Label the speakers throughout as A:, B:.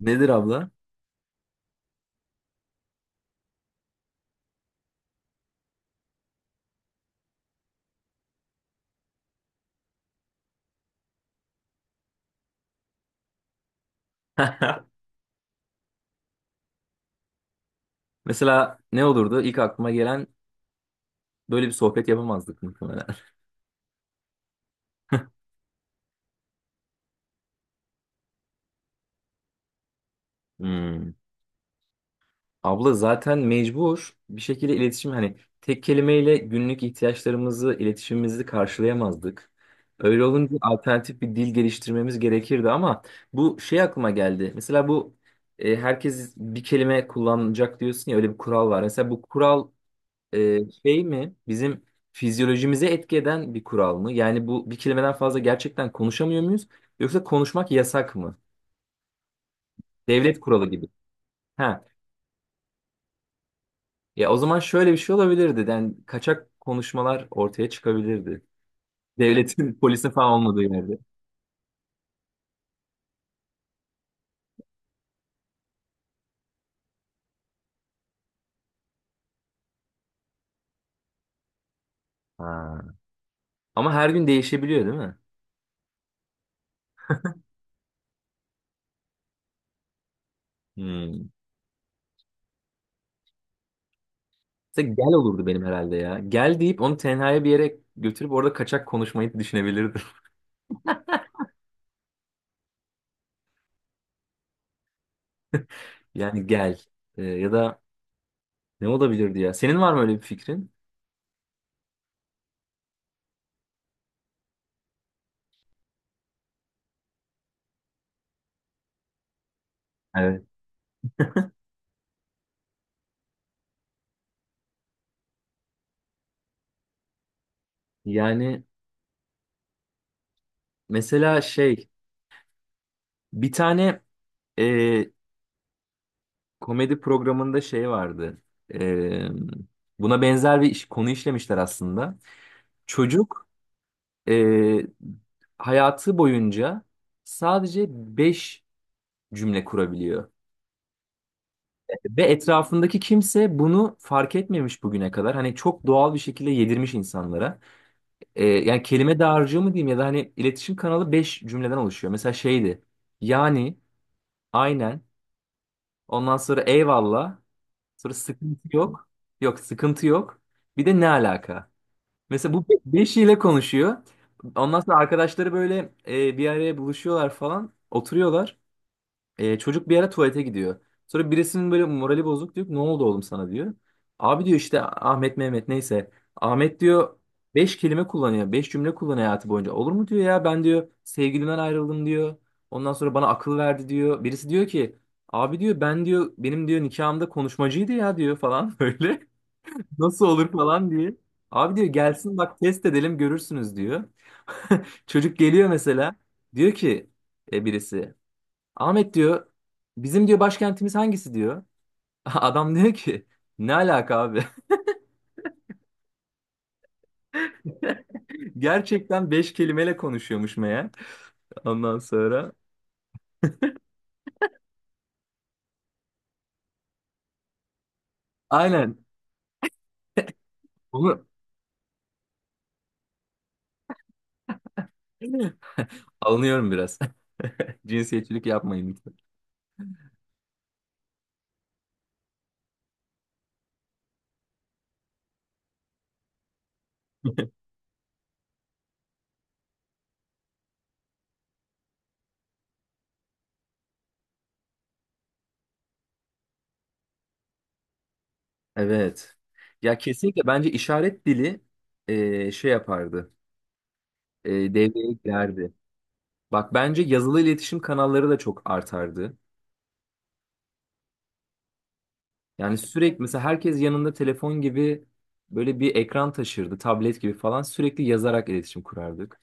A: Nedir abla? Mesela ne olurdu? İlk aklıma gelen böyle bir sohbet yapamazdık muhtemelen. Hmm. Abla zaten mecbur bir şekilde iletişim hani tek kelimeyle günlük ihtiyaçlarımızı, iletişimimizi karşılayamazdık. Öyle olunca alternatif bir dil geliştirmemiz gerekirdi ama bu şey aklıma geldi. Mesela bu herkes bir kelime kullanacak diyorsun ya öyle bir kural var. Mesela bu kural şey mi bizim fizyolojimize etki eden bir kural mı? Yani bu bir kelimeden fazla gerçekten konuşamıyor muyuz? Yoksa konuşmak yasak mı? Devlet kuralı gibi. Ha. Ya o zaman şöyle bir şey olabilirdi. Yani kaçak konuşmalar ortaya çıkabilirdi. Devletin polisi falan olmadığı yerde. Ha. Ama her gün değişebiliyor değil mi? Hmm. Mesela gel olurdu benim herhalde ya. Gel deyip onu tenhaya bir yere götürüp orada kaçak konuşmayı düşünebilirdim. Yani gel. Ya da ne olabilirdi ya? Senin var mı öyle bir fikrin? Yani mesela şey bir tane e, komedi programında şey vardı. E, buna benzer bir iş, konu işlemişler aslında. Çocuk e, hayatı boyunca sadece 5 cümle kurabiliyor. Ve etrafındaki kimse bunu fark etmemiş bugüne kadar. Hani çok doğal bir şekilde yedirmiş insanlara. Yani kelime dağarcığı mı diyeyim ya da hani iletişim kanalı 5 cümleden oluşuyor. Mesela şeydi. Yani, aynen. Ondan sonra eyvallah. Sonra sıkıntı yok. Yok sıkıntı yok. Bir de ne alaka? Mesela bu beşiyle konuşuyor. Ondan sonra arkadaşları böyle bir araya buluşuyorlar falan. Oturuyorlar. Çocuk bir ara tuvalete gidiyor. Sonra birisinin böyle morali bozuk, diyor ki ne oldu oğlum sana diyor. Abi diyor işte Ahmet Mehmet neyse. Ahmet diyor beş kelime kullanıyor. Beş cümle kullanıyor hayatı boyunca. Olur mu diyor ya ben diyor sevgilimden ayrıldım diyor. Ondan sonra bana akıl verdi diyor. Birisi diyor ki abi diyor ben diyor benim diyor nikahımda konuşmacıydı ya diyor falan böyle. Nasıl olur falan diye. Abi diyor gelsin bak test edelim görürsünüz diyor. Çocuk geliyor mesela. Diyor ki birisi. Ahmet diyor bizim diyor başkentimiz hangisi diyor. Adam diyor ki ne alaka abi? Gerçekten beş kelimeyle konuşuyormuş meğer. Ondan sonra, aynen, bunu alınıyorum biraz. Cinsiyetçilik yapmayın lütfen. Evet. Ya kesinlikle bence işaret dili şey yapardı. Devreye girerdi. Bak bence yazılı iletişim kanalları da çok artardı. Yani sürekli mesela herkes yanında telefon gibi böyle bir ekran taşırdı, tablet gibi falan sürekli yazarak iletişim kurardık.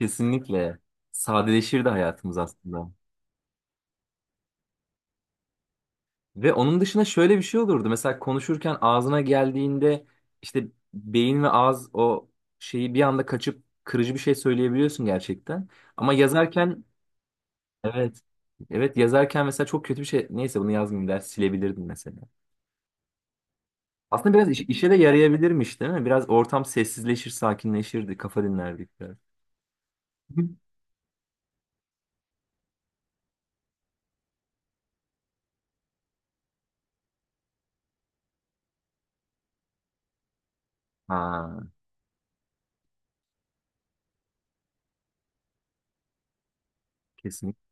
A: Kesinlikle sadeleşirdi hayatımız aslında. Ve onun dışında şöyle bir şey olurdu. Mesela konuşurken ağzına geldiğinde işte beyin ve ağız o şeyi bir anda kaçıp kırıcı bir şey söyleyebiliyorsun gerçekten. Ama yazarken evet. Evet, yazarken mesela çok kötü bir şey. Neyse, bunu yazmayayım der silebilirdim mesela. Aslında biraz işe de yarayabilirmiş değil mi? Biraz ortam sessizleşir, sakinleşirdi, kafa dinlerdik biraz. Hı. Ha, kesinlikle.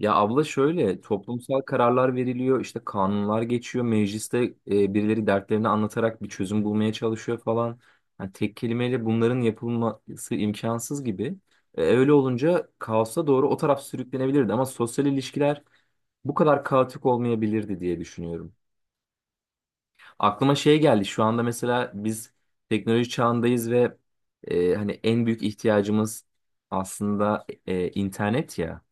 A: Ya abla şöyle toplumsal kararlar veriliyor, işte kanunlar geçiyor, mecliste birileri dertlerini anlatarak bir çözüm bulmaya çalışıyor falan. Yani tek kelimeyle bunların yapılması imkansız gibi. Öyle olunca kaosa doğru o taraf sürüklenebilirdi ama sosyal ilişkiler bu kadar kaotik olmayabilirdi diye düşünüyorum. Aklıma şey geldi. Şu anda mesela biz teknoloji çağındayız ve hani en büyük ihtiyacımız aslında internet ya.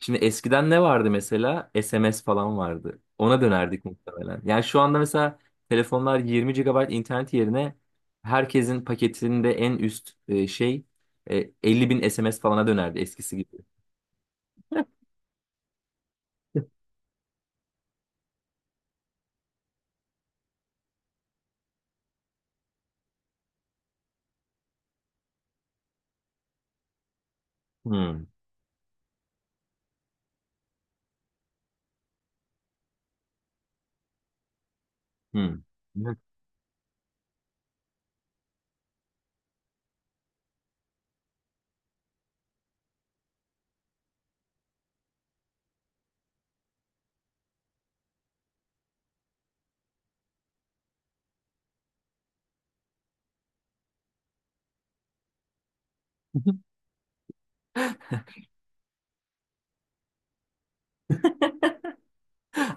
A: Şimdi eskiden ne vardı mesela? SMS falan vardı. Ona dönerdik muhtemelen. Yani şu anda mesela telefonlar 20 gigabayt internet yerine herkesin paketinde en üst şey 50 bin SMS falana dönerdi eskisi gibi. Hmm, hmm.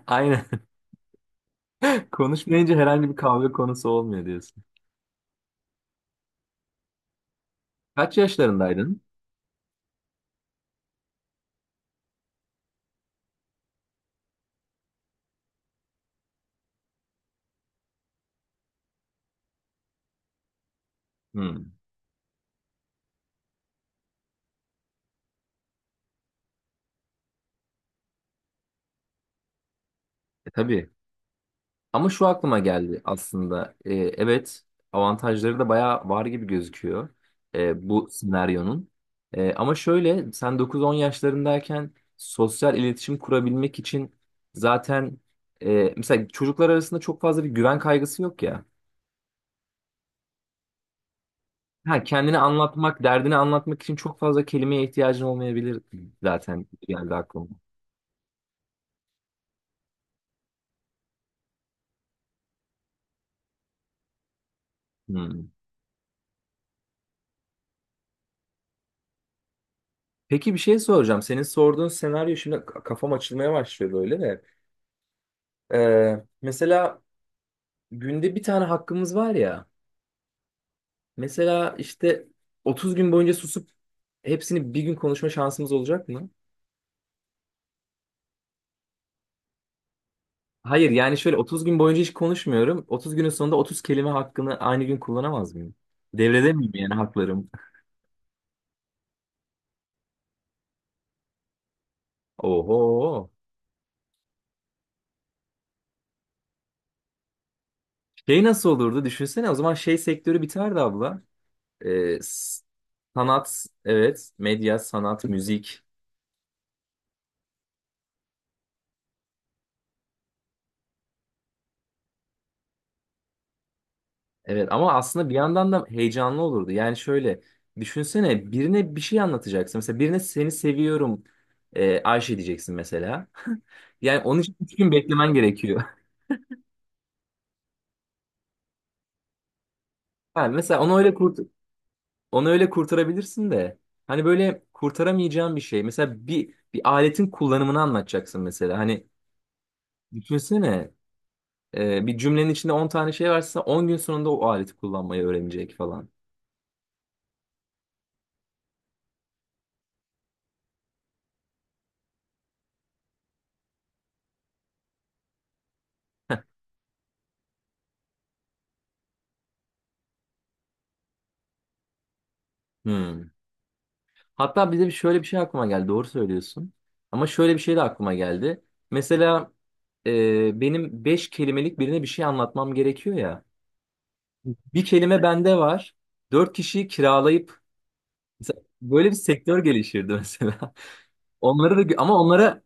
A: Aynen. Konuşmayınca herhangi bir kavga konusu olmuyor. Kaç yaşlarındaydın? Hmm. Tabii. Ama şu aklıma geldi aslında. Evet, avantajları da bayağı var gibi gözüküyor bu senaryonun. Ama şöyle, sen 9-10 yaşlarındayken sosyal iletişim kurabilmek için zaten mesela çocuklar arasında çok fazla bir güven kaygısı yok ya. Ha, kendini anlatmak, derdini anlatmak için çok fazla kelimeye ihtiyacın olmayabilir, zaten geldi aklıma. Hmm. Peki, bir şey soracağım. Senin sorduğun senaryo şimdi kafam açılmaya başlıyor böyle de. Mesela günde bir tane hakkımız var ya. Mesela işte 30 gün boyunca susup hepsini bir gün konuşma şansımız olacak mı? Hayır yani şöyle, 30 gün boyunca hiç konuşmuyorum. 30 günün sonunda 30 kelime hakkını aynı gün kullanamaz mıyım? Devrede miyim yani haklarım? Oho. Şey nasıl olurdu düşünsene, o zaman şey sektörü biterdi abla. Ee, s- sanat, evet, medya, sanat, müzik. Evet, ama aslında bir yandan da heyecanlı olurdu. Yani şöyle, düşünsene birine bir şey anlatacaksın. Mesela birine seni seviyorum Ayşe diyeceksin mesela. Yani onun için 3 gün beklemen gerekiyor. Ha, mesela onu öyle kurtarabilirsin de. Hani böyle kurtaramayacağın bir şey. Mesela bir aletin kullanımını anlatacaksın mesela. Hani düşünsene bir cümlenin içinde 10 tane şey varsa 10 gün sonunda o aleti kullanmayı öğrenecek falan. Hmm. Hatta bize bir şöyle bir şey aklıma geldi. Doğru söylüyorsun. Ama şöyle bir şey de aklıma geldi. Mesela benim beş kelimelik birine bir şey anlatmam gerekiyor ya. Bir kelime bende var. Dört kişiyi kiralayıp mesela böyle bir sektör gelişirdi mesela. Onları da ama onlara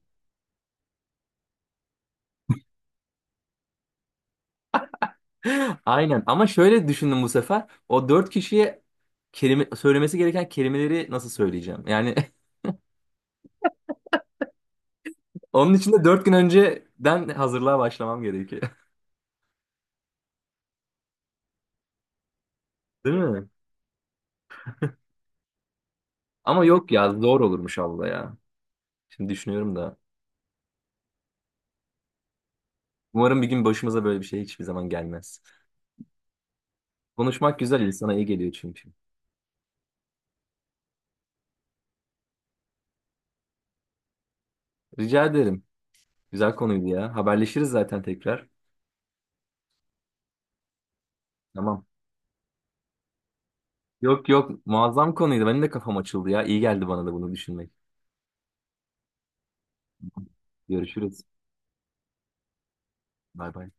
A: aynen, ama şöyle düşündüm bu sefer. O dört kişiye kelime söylemesi gereken kelimeleri nasıl söyleyeceğim? Yani onun için de 4 gün önceden hazırlığa başlamam gerekiyor. Değil mi? Ama yok ya, zor olurmuş abla ya. Şimdi düşünüyorum da. Umarım bir gün başımıza böyle bir şey hiçbir zaman gelmez. Konuşmak güzel, insana iyi geliyor çünkü. Rica ederim. Güzel konuydu ya. Haberleşiriz zaten tekrar. Tamam. Yok yok, muazzam konuydu. Benim de kafam açıldı ya. İyi geldi bana da bunu düşünmek. Görüşürüz. Bay bay.